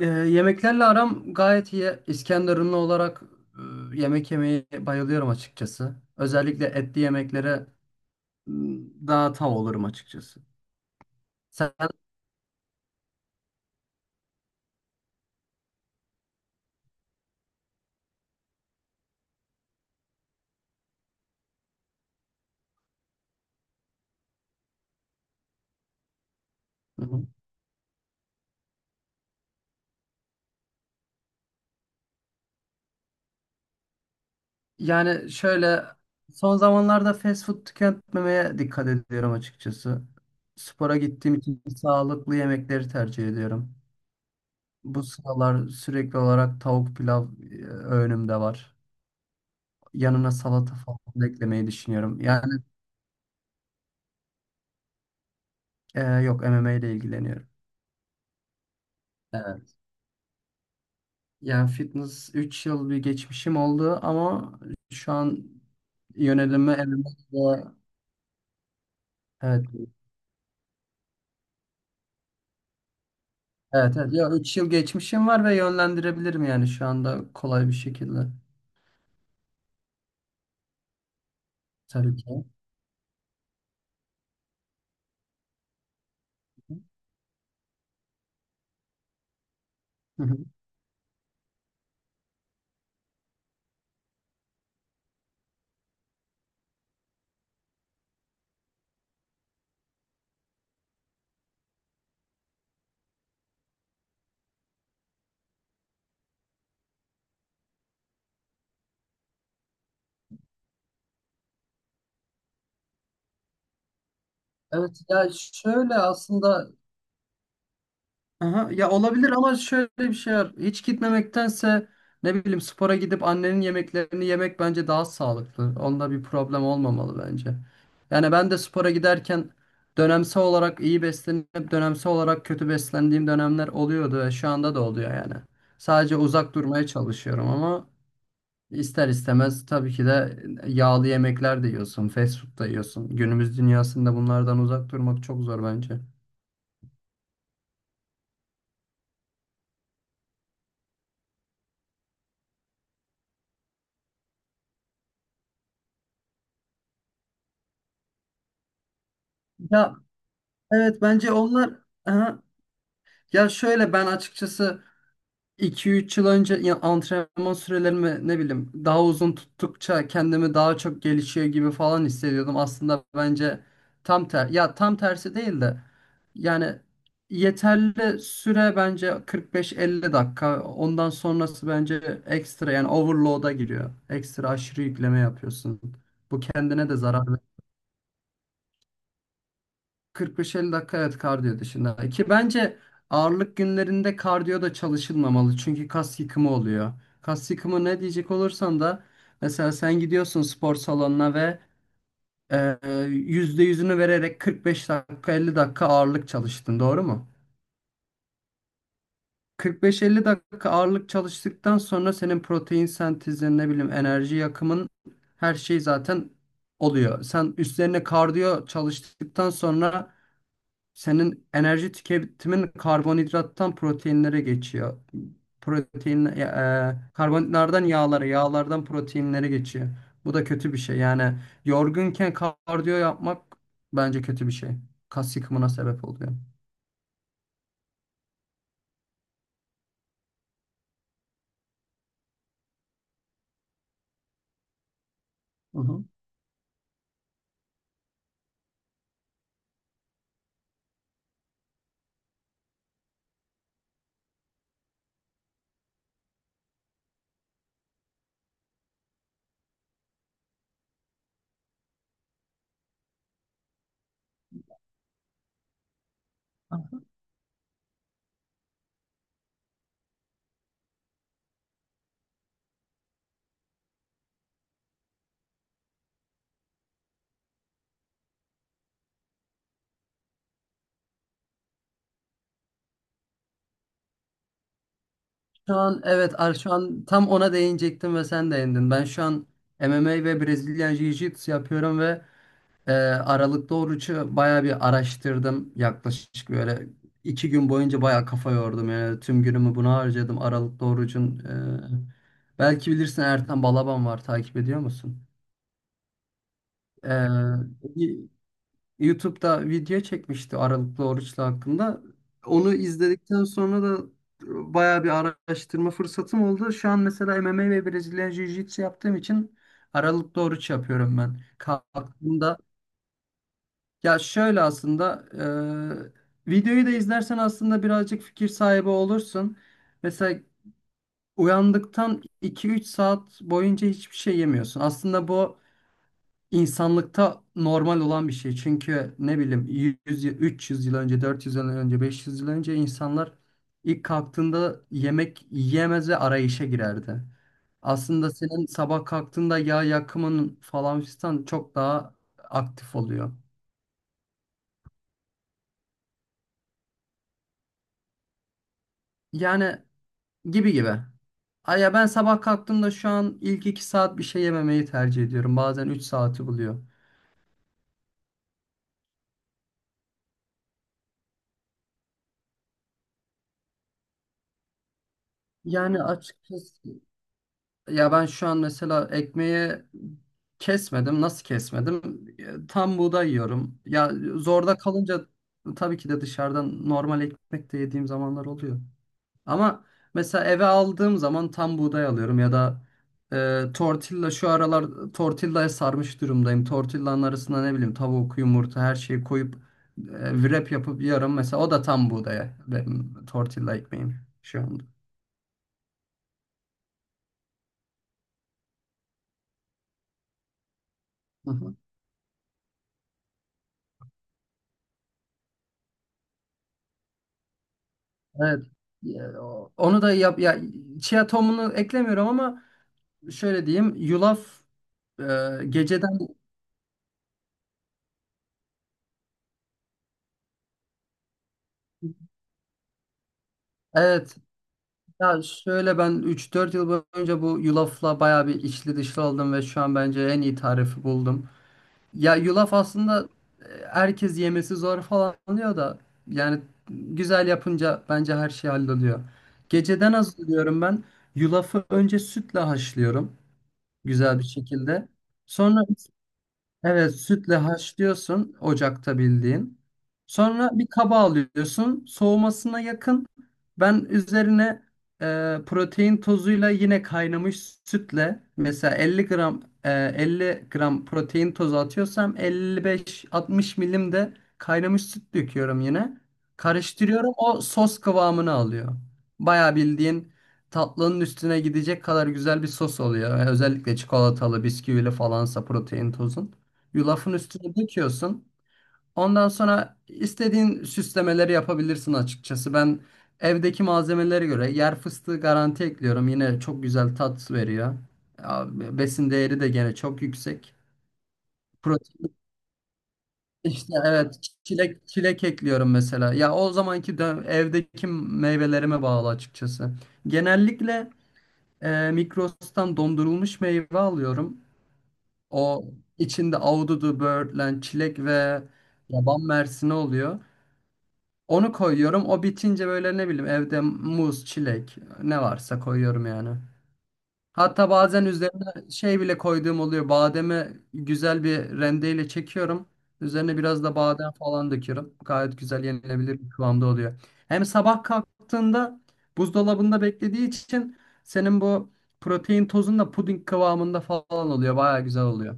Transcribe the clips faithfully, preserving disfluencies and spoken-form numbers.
Ee, yemeklerle aram gayet iyi. İskenderunlu olarak e, yemek yemeyi bayılıyorum açıkçası. Özellikle etli yemeklere m, daha tav olurum açıkçası. Sen, Hı hı. Yani şöyle son zamanlarda fast food tüketmemeye dikkat ediyorum açıkçası. Spora gittiğim için sağlıklı yemekleri tercih ediyorum. Bu sıralar sürekli olarak tavuk pilav e, önümde var. Yanına salata falan eklemeyi düşünüyorum. Yani e, yok, M M A ile ilgileniyorum. Yani fitness üç yıl bir geçmişim oldu ama şu an yönelimi elimde. Evet, evet, evet. Ya üç yıl geçmişim var ve yönlendirebilirim yani şu anda kolay bir şekilde, tabii ki. Hı hı. Evet ya, şöyle aslında, aha, ya olabilir ama şöyle bir şey var. Hiç gitmemektense ne bileyim spora gidip annenin yemeklerini yemek bence daha sağlıklı. Onda bir problem olmamalı bence. Yani ben de spora giderken dönemsel olarak iyi beslenip dönemsel olarak kötü beslendiğim dönemler oluyordu ve şu anda da oluyor yani. Sadece uzak durmaya çalışıyorum ama ister istemez tabii ki de yağlı yemekler de yiyorsun, fast food da yiyorsun. Günümüz dünyasında bunlardan uzak durmak çok zor bence. Ya evet, bence onlar. Aha, ya şöyle ben açıkçası iki üç yıl önce ya antrenman sürelerimi ne bileyim daha uzun tuttukça kendimi daha çok gelişiyor gibi falan hissediyordum. Aslında bence tam ter ya tam tersi değil de yani yeterli süre bence kırk beş elli dakika. Ondan sonrası bence ekstra, yani overload'a giriyor. Ekstra aşırı yükleme yapıyorsun. Bu kendine de zarar. kırk beş elli dakika, evet, kardiyo dışında. Ki bence ağırlık günlerinde kardiyo da çalışılmamalı. Çünkü kas yıkımı oluyor. Kas yıkımı ne diyecek olursan da, mesela sen gidiyorsun spor salonuna ve e, yüzde yüzünü vererek kırk beş dakika elli dakika ağırlık çalıştın, doğru mu? kırk beş elli dakika ağırlık çalıştıktan sonra senin protein sentezin, ne bileyim, enerji yakımın, her şey zaten oluyor. Sen üstlerine kardiyo çalıştıktan sonra senin enerji tüketimin karbonhidrattan proteinlere geçiyor. Protein, e, e, karbonhidratlardan yağlara, yağlardan proteinlere geçiyor. Bu da kötü bir şey. Yani yorgunken kardiyo yapmak bence kötü bir şey. Kas yıkımına sebep oluyor. Hı hı. Şu an, evet, ar- şu an tam ona değinecektim ve sen değindin. Ben şu an M M A ve Brezilya Jiu-Jitsu yapıyorum. Ve Ee, Aralıklı orucu bayağı bir araştırdım. Yaklaşık böyle iki gün boyunca bayağı kafa yordum. Yani tüm günümü buna harcadım. Aralıklı orucun, e, belki bilirsin, Ertan Balaban var. Takip ediyor musun? Ee, y- YouTube'da video çekmişti Aralıklı oruçla hakkında. Onu izledikten sonra da bayağı bir araştırma fırsatım oldu. Şu an mesela M M A ve Brezilya Jiu-Jitsu yaptığım için Aralıklı oruç yapıyorum ben. Kalktığımda, ya şöyle aslında, e, videoyu da izlersen aslında birazcık fikir sahibi olursun. Mesela uyandıktan iki üç saat boyunca hiçbir şey yemiyorsun. Aslında bu insanlıkta normal olan bir şey. Çünkü ne bileyim, yüz, yıl- üç yüz yıl önce, dört yüz yıl önce, beş yüz yıl önce insanlar ilk kalktığında yemek yiyemez ve arayışa girerdi. Aslında senin sabah kalktığında yağ yakımın falan fistan çok daha aktif oluyor. Yani gibi gibi. Ay ya, ben sabah kalktığımda şu an ilk iki saat bir şey yememeyi tercih ediyorum. Bazen üç saati buluyor. Yani açıkçası ya, ben şu an mesela ekmeği kesmedim. Nasıl kesmedim? E, Tam buğday yiyorum. Ya zorda kalınca tabii ki de dışarıdan normal ekmek de yediğim zamanlar oluyor. Ama mesela eve aldığım zaman tam buğday alıyorum ya da e, tortilla, şu aralar tortillaya sarmış durumdayım. Tortillanın arasına ne bileyim tavuk, yumurta, her şeyi koyup e, wrap yapıp yiyorum. Mesela o da tam buğdaya, benim tortilla ekmeğim şu anda. Hı hı. Evet. Ya, o- onu da yap ya, chia tohumunu eklemiyorum ama şöyle diyeyim, yulaf, e, geceden, evet. Ya şöyle ben üç dört yıl boyunca bu yulafla bayağı bir içli dışlı oldum ve şu an bence en iyi tarifi buldum. Ya yulaf aslında, e, herkes yemesi zor falan diyor da yani güzel yapınca bence her şey halloluyor. Geceden hazırlıyorum ben. Yulafı önce sütle haşlıyorum güzel bir şekilde. Sonra, evet, sütle haşlıyorsun ocakta bildiğin. Sonra bir kaba alıyorsun, soğumasına yakın. Ben üzerine e, protein tozuyla yine kaynamış sütle, mesela elli gram, e, elli gram protein tozu atıyorsam elli beş altmış milim de kaynamış süt döküyorum yine. Karıştırıyorum, o sos kıvamını alıyor. Bayağı bildiğin tatlının üstüne gidecek kadar güzel bir sos oluyor. Özellikle çikolatalı, bisküvili falansa protein tozun. Yulafın üstüne döküyorsun. Ondan sonra istediğin süslemeleri yapabilirsin açıkçası. Ben evdeki malzemelere göre yer fıstığı garanti ekliyorum. Yine çok güzel tat veriyor. Ya, besin değeri de gene çok yüksek. Protein işte evet, çilek çilek ekliyorum mesela. Ya o zamanki dö- evdeki meyvelerime bağlı açıkçası. Genellikle e, Migros'tan dondurulmuş meyve alıyorum. O içinde ahududu, böğürtlen, çilek ve yaban mersini oluyor. Onu koyuyorum. O bitince böyle ne bileyim evde muz, çilek ne varsa koyuyorum yani. Hatta bazen üzerine şey bile koyduğum oluyor. Bademi güzel bir rendeyle çekiyorum. Üzerine biraz da badem falan döküyorum. Gayet güzel yenilebilir bir kıvamda oluyor. Hem sabah kalktığında buzdolabında beklediği için senin bu protein tozun da puding kıvamında falan oluyor. Baya güzel oluyor.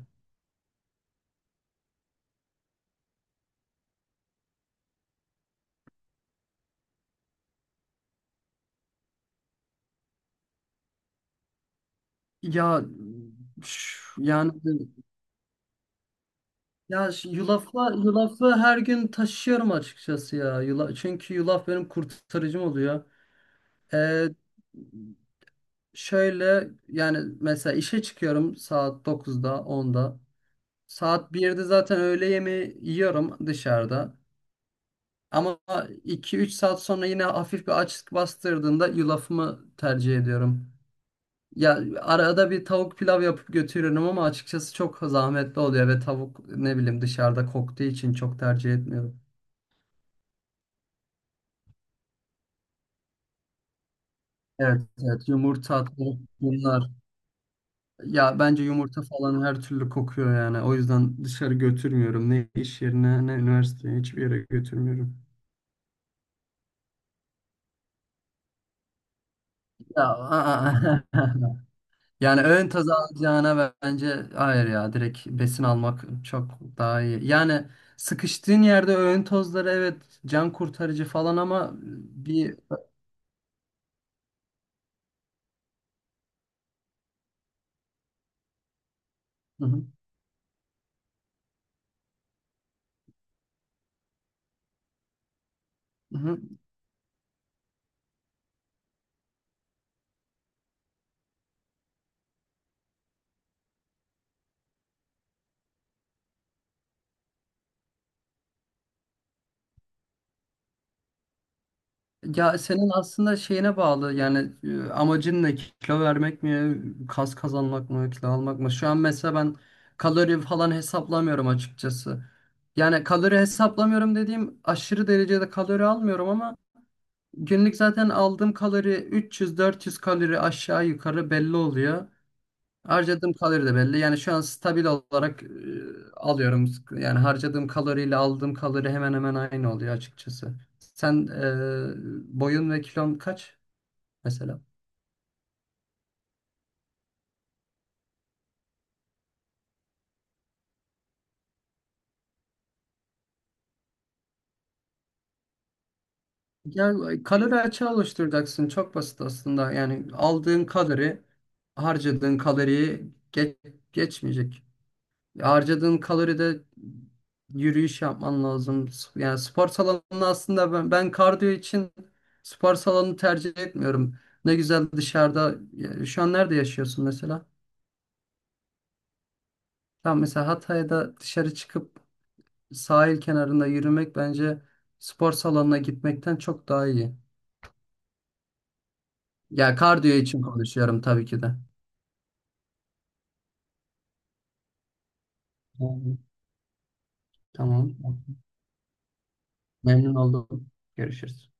Ya şu- yani. Ya şu yulafla, yulafı her gün taşıyorum açıkçası ya. Yula, çünkü yulaf benim kurtarıcım oluyor. Ee, Şöyle yani, mesela işe çıkıyorum saat dokuzda, onda. Saat birde zaten öğle yemeği yiyorum dışarıda. Ama iki üç saat sonra yine hafif bir açlık bastırdığında yulafımı tercih ediyorum. Ya arada bir tavuk pilav yapıp götürüyorum ama açıkçası çok zahmetli oluyor ve tavuk ne bileyim dışarıda koktuğu için çok tercih etmiyorum. Evet, evet. Yumurta, tavuk, bunlar. Ya bence yumurta falan her türlü kokuyor yani. O yüzden dışarı götürmüyorum. Ne iş yerine, ne üniversiteye, hiçbir yere götürmüyorum. Ya, aa. Yani ön taz alacağına bence hayır ya. Direkt besin almak çok daha iyi. Yani sıkıştığın yerde öğün tozları, evet, can kurtarıcı falan ama bir... Hı hı. Ya senin aslında şeyine bağlı yani, e, amacın ne, kilo vermek mi, kas kazanmak mı, kilo almak mı? Şu an mesela ben kalori falan hesaplamıyorum açıkçası. Yani kalori hesaplamıyorum dediğim, aşırı derecede kalori almıyorum ama günlük zaten aldığım kalori üç yüz dört yüz kalori aşağı yukarı belli oluyor. Harcadığım kalori de belli. Yani şu an stabil olarak e, alıyorum. Yani harcadığım kaloriyle aldığım kalori hemen hemen aynı oluyor açıkçası. Sen, e, boyun ve kilon kaç mesela? Ya kalori açığı oluşturacaksın. Çok basit aslında. Yani aldığın kalori harcadığın kaloriyi ge- geçmeyecek. Harcadığın kaloride yürüyüş yapman lazım. S- Yani spor salonunda aslında ben, ben kardiyo için spor salonu tercih etmiyorum. Ne güzel dışarıda. Ya, şu an nerede yaşıyorsun mesela? Tamam, mesela Hatay'da dışarı çıkıp sahil kenarında yürümek bence spor salonuna gitmekten çok daha iyi. Ya kardiyo için konuşuyorum tabii ki de. Tamam. Tamam. Memnun oldum. Görüşürüz.